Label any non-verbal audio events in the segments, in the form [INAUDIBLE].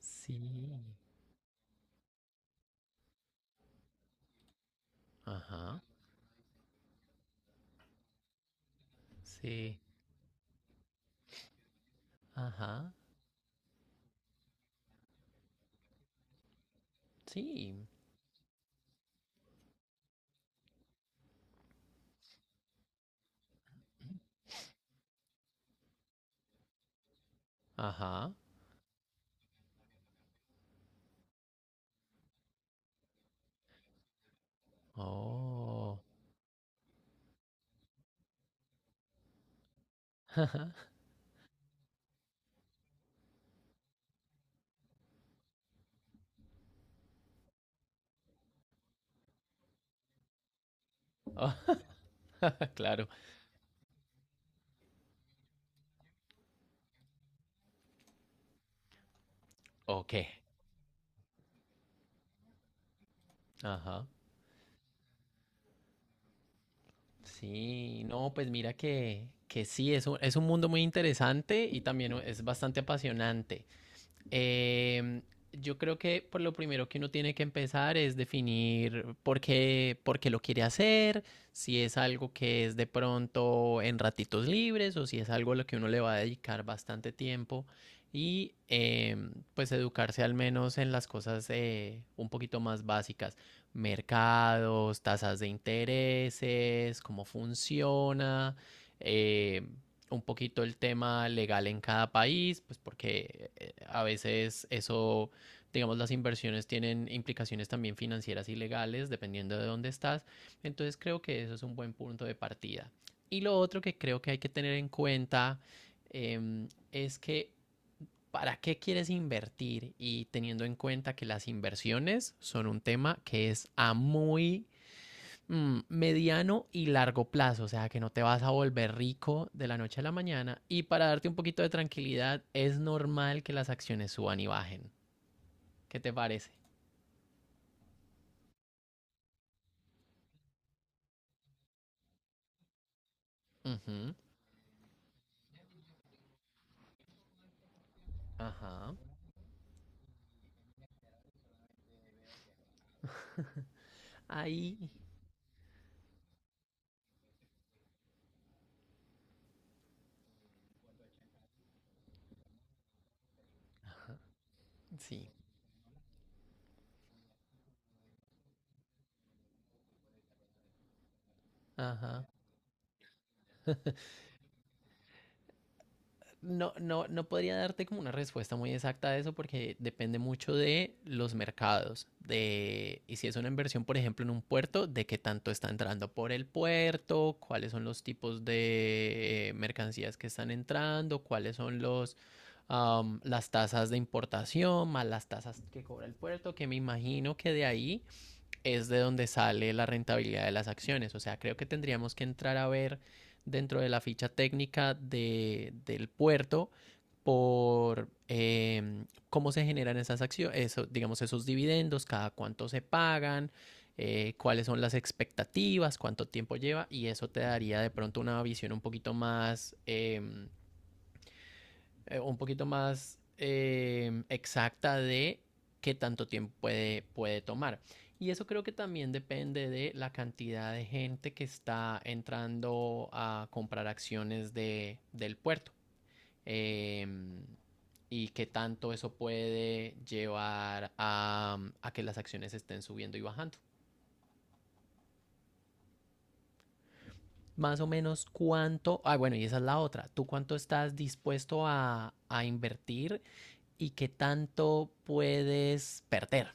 Sí, ajá, sí, ajá, sí, ajá, oh, [LAUGHS] ajá, oh, [LAUGHS] claro, ok, ajá, sí, no, pues mira que sí, es un mundo muy interesante y también es bastante apasionante. Eh, yo creo que por lo primero que uno tiene que empezar es definir por qué lo quiere hacer, si es algo que es de pronto en ratitos libres o si es algo a lo que uno le va a dedicar bastante tiempo y pues educarse al menos en las cosas un poquito más básicas, mercados, tasas de intereses, cómo funciona, eh, un poquito el tema legal en cada país, pues porque a veces eso, digamos, las inversiones tienen implicaciones también financieras y legales, dependiendo de dónde estás. Entonces creo que eso es un buen punto de partida. Y lo otro que creo que hay que tener en cuenta es que para qué quieres invertir y teniendo en cuenta que las inversiones son un tema que es a muy mediano y largo plazo, o sea, que no te vas a volver rico de la noche a la mañana. Y para darte un poquito de tranquilidad, es normal que las acciones suban y bajen. ¿Qué te parece? Ujú. Ajá. Ahí, sí. Ajá. No, no podría darte como una respuesta muy exacta a eso porque depende mucho de los mercados, de, y si es una inversión, por ejemplo, en un puerto, de qué tanto está entrando por el puerto, cuáles son los tipos de mercancías que están entrando, las tasas de importación, más las tasas que cobra el puerto, que me imagino que de ahí es de donde sale la rentabilidad de las acciones. O sea, creo que tendríamos que entrar a ver dentro de la ficha técnica del puerto por cómo se generan esas acciones, eso, digamos, esos dividendos, cada cuánto se pagan, cuáles son las expectativas, cuánto tiempo lleva, y eso te daría de pronto una visión un poquito más exacta de qué tanto tiempo puede tomar. Y eso creo que también depende de la cantidad de gente que está entrando a comprar acciones del puerto. Eh, y qué tanto eso puede llevar a que las acciones estén subiendo y bajando. Más o menos cuánto, ah bueno, y esa es la otra, ¿tú cuánto estás dispuesto a invertir y qué tanto puedes perder?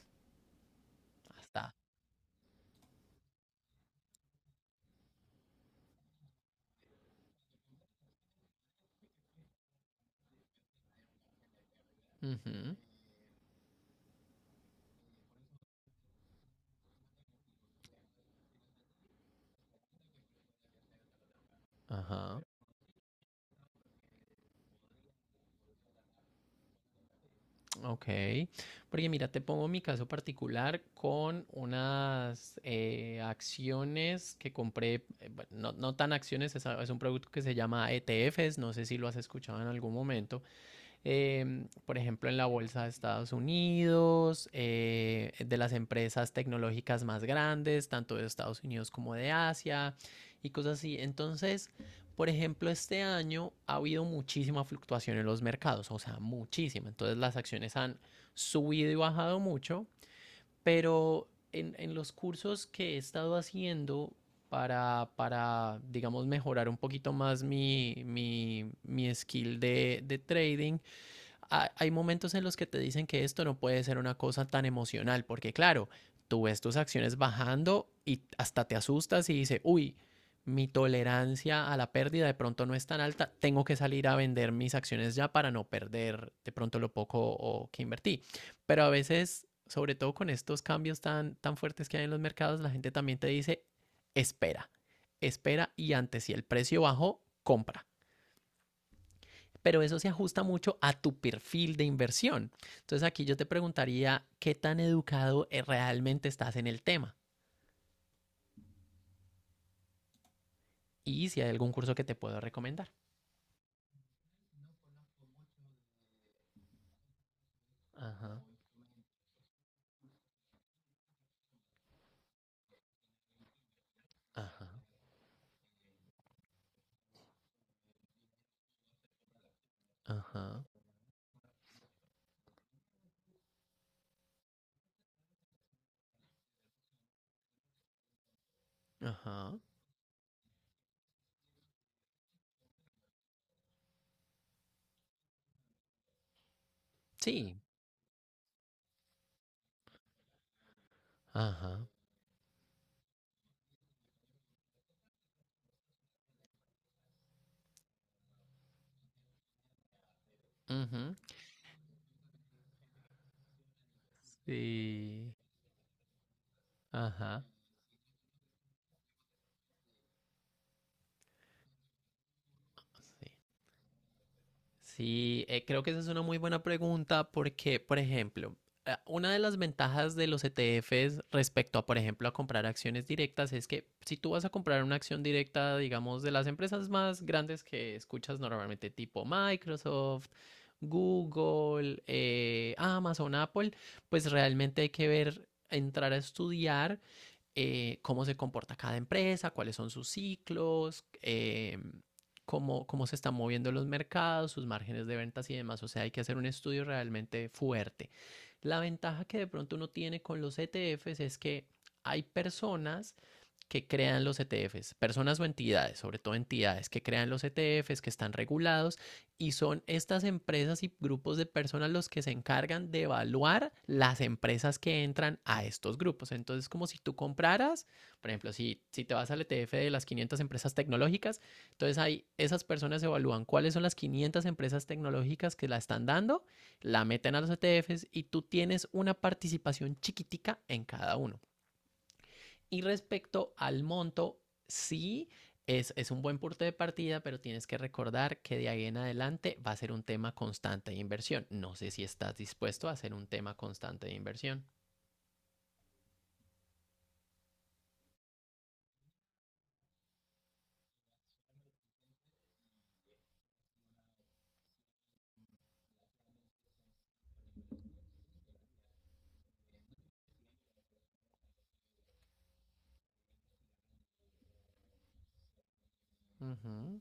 Hasta. Ujú. Ajá, ok. Porque mira, te pongo mi caso particular con unas acciones que compré, bueno, no tan acciones, es un producto que se llama ETFs, no sé si lo has escuchado en algún momento, por ejemplo, en la bolsa de Estados Unidos, de las empresas tecnológicas más grandes, tanto de Estados Unidos como de Asia y cosas así. Entonces, por ejemplo, este año ha habido muchísima fluctuación en los mercados, o sea, muchísima. Entonces, las acciones han subido y bajado mucho, pero en los cursos que he estado haciendo para digamos, mejorar un poquito más mi skill de trading, hay momentos en los que te dicen que esto no puede ser una cosa tan emocional, porque claro, tú ves tus acciones bajando y hasta te asustas y dices, uy, mi tolerancia a la pérdida de pronto no es tan alta, tengo que salir a vender mis acciones ya para no perder de pronto lo poco o que invertí. Pero a veces, sobre todo con estos cambios tan fuertes que hay en los mercados, la gente también te dice, espera, espera y antes si el precio bajó, compra, pero eso se ajusta mucho a tu perfil de inversión. Entonces aquí yo te preguntaría qué tan educado realmente estás en el tema y si hay algún curso que te puedo recomendar. Ajá, ajá, ajá, ajá. Sí, ajá, ujú, sí, ajá, sí. Sí, creo que esa es una muy buena pregunta porque, por ejemplo, una de las ventajas de los ETFs respecto a, por ejemplo, a comprar acciones directas es que si tú vas a comprar una acción directa, digamos, de las empresas más grandes que escuchas normalmente, tipo Microsoft, Google, Amazon, Apple, pues realmente hay que ver, entrar a estudiar cómo se comporta cada empresa, cuáles son sus ciclos, cómo se están moviendo los mercados, sus márgenes de ventas y demás. O sea, hay que hacer un estudio realmente fuerte. La ventaja que de pronto uno tiene con los ETFs es que hay personas que crean los ETFs, personas o entidades, sobre todo entidades que crean los ETFs, que están regulados y son estas empresas y grupos de personas los que se encargan de evaluar las empresas que entran a estos grupos. Entonces, como si tú compraras, por ejemplo, si te vas al ETF de las 500 empresas tecnológicas, entonces ahí esas personas evalúan cuáles son las 500 empresas tecnológicas que la están dando, la meten a los ETFs y tú tienes una participación chiquitica en cada uno. Y respecto al monto, sí, un buen punto de partida, pero tienes que recordar que de ahí en adelante va a ser un tema constante de inversión. No sé si estás dispuesto a hacer un tema constante de inversión. Uh -huh.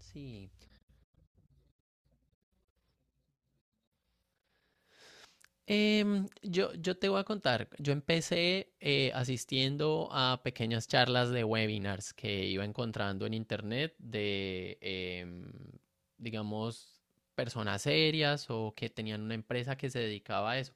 Sí. Yo, yo te voy a contar, yo empecé asistiendo a pequeñas charlas de webinars que iba encontrando en internet de, digamos, personas serias o que tenían una empresa que se dedicaba a eso.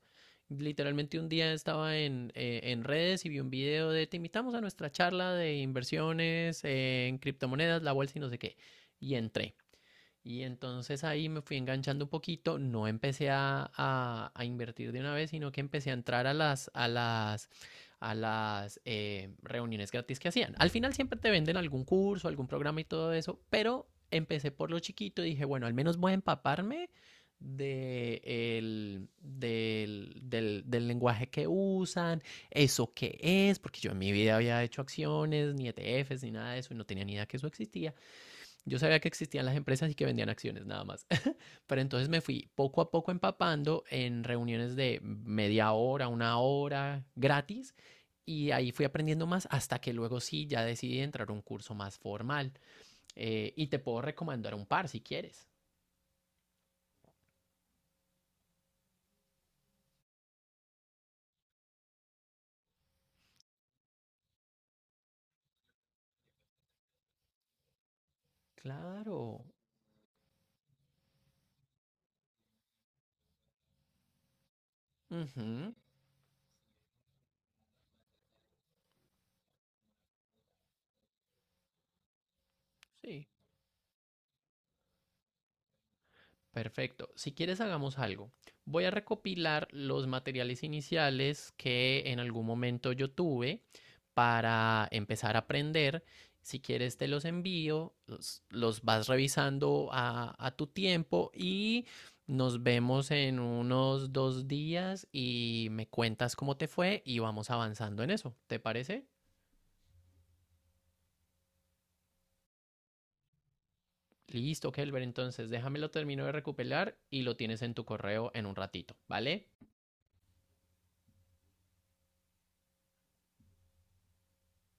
Literalmente un día estaba en redes y vi un video de te invitamos a nuestra charla de inversiones en criptomonedas, la bolsa y no sé qué. Y entré. Y entonces ahí me fui enganchando un poquito, no empecé a invertir de una vez, sino que empecé a entrar a las reuniones gratis que hacían. Al final siempre te venden algún curso, algún programa y todo eso, pero empecé por lo chiquito y dije, bueno, al menos voy a empaparme de del lenguaje que usan, eso qué es, porque yo en mi vida había hecho acciones, ni ETFs, ni nada de eso, y no tenía ni idea que eso existía. Yo sabía que existían las empresas y que vendían acciones nada más. [LAUGHS] Pero entonces me fui poco a poco empapando en reuniones de media hora, una hora, gratis. Y ahí fui aprendiendo más hasta que luego sí, ya decidí entrar a un curso más formal. Y te puedo recomendar un par si quieres. Claro. Ujú, sí. Perfecto. Si quieres, hagamos algo. Voy a recopilar los materiales iniciales que en algún momento yo tuve para empezar a aprender. Si quieres, te los envío, los vas revisando a tu tiempo y nos vemos en unos 2 días y me cuentas cómo te fue y vamos avanzando en eso. ¿Te parece? Listo, Kelber. Entonces, déjamelo termino de recopilar y lo tienes en tu correo en un ratito, ¿vale?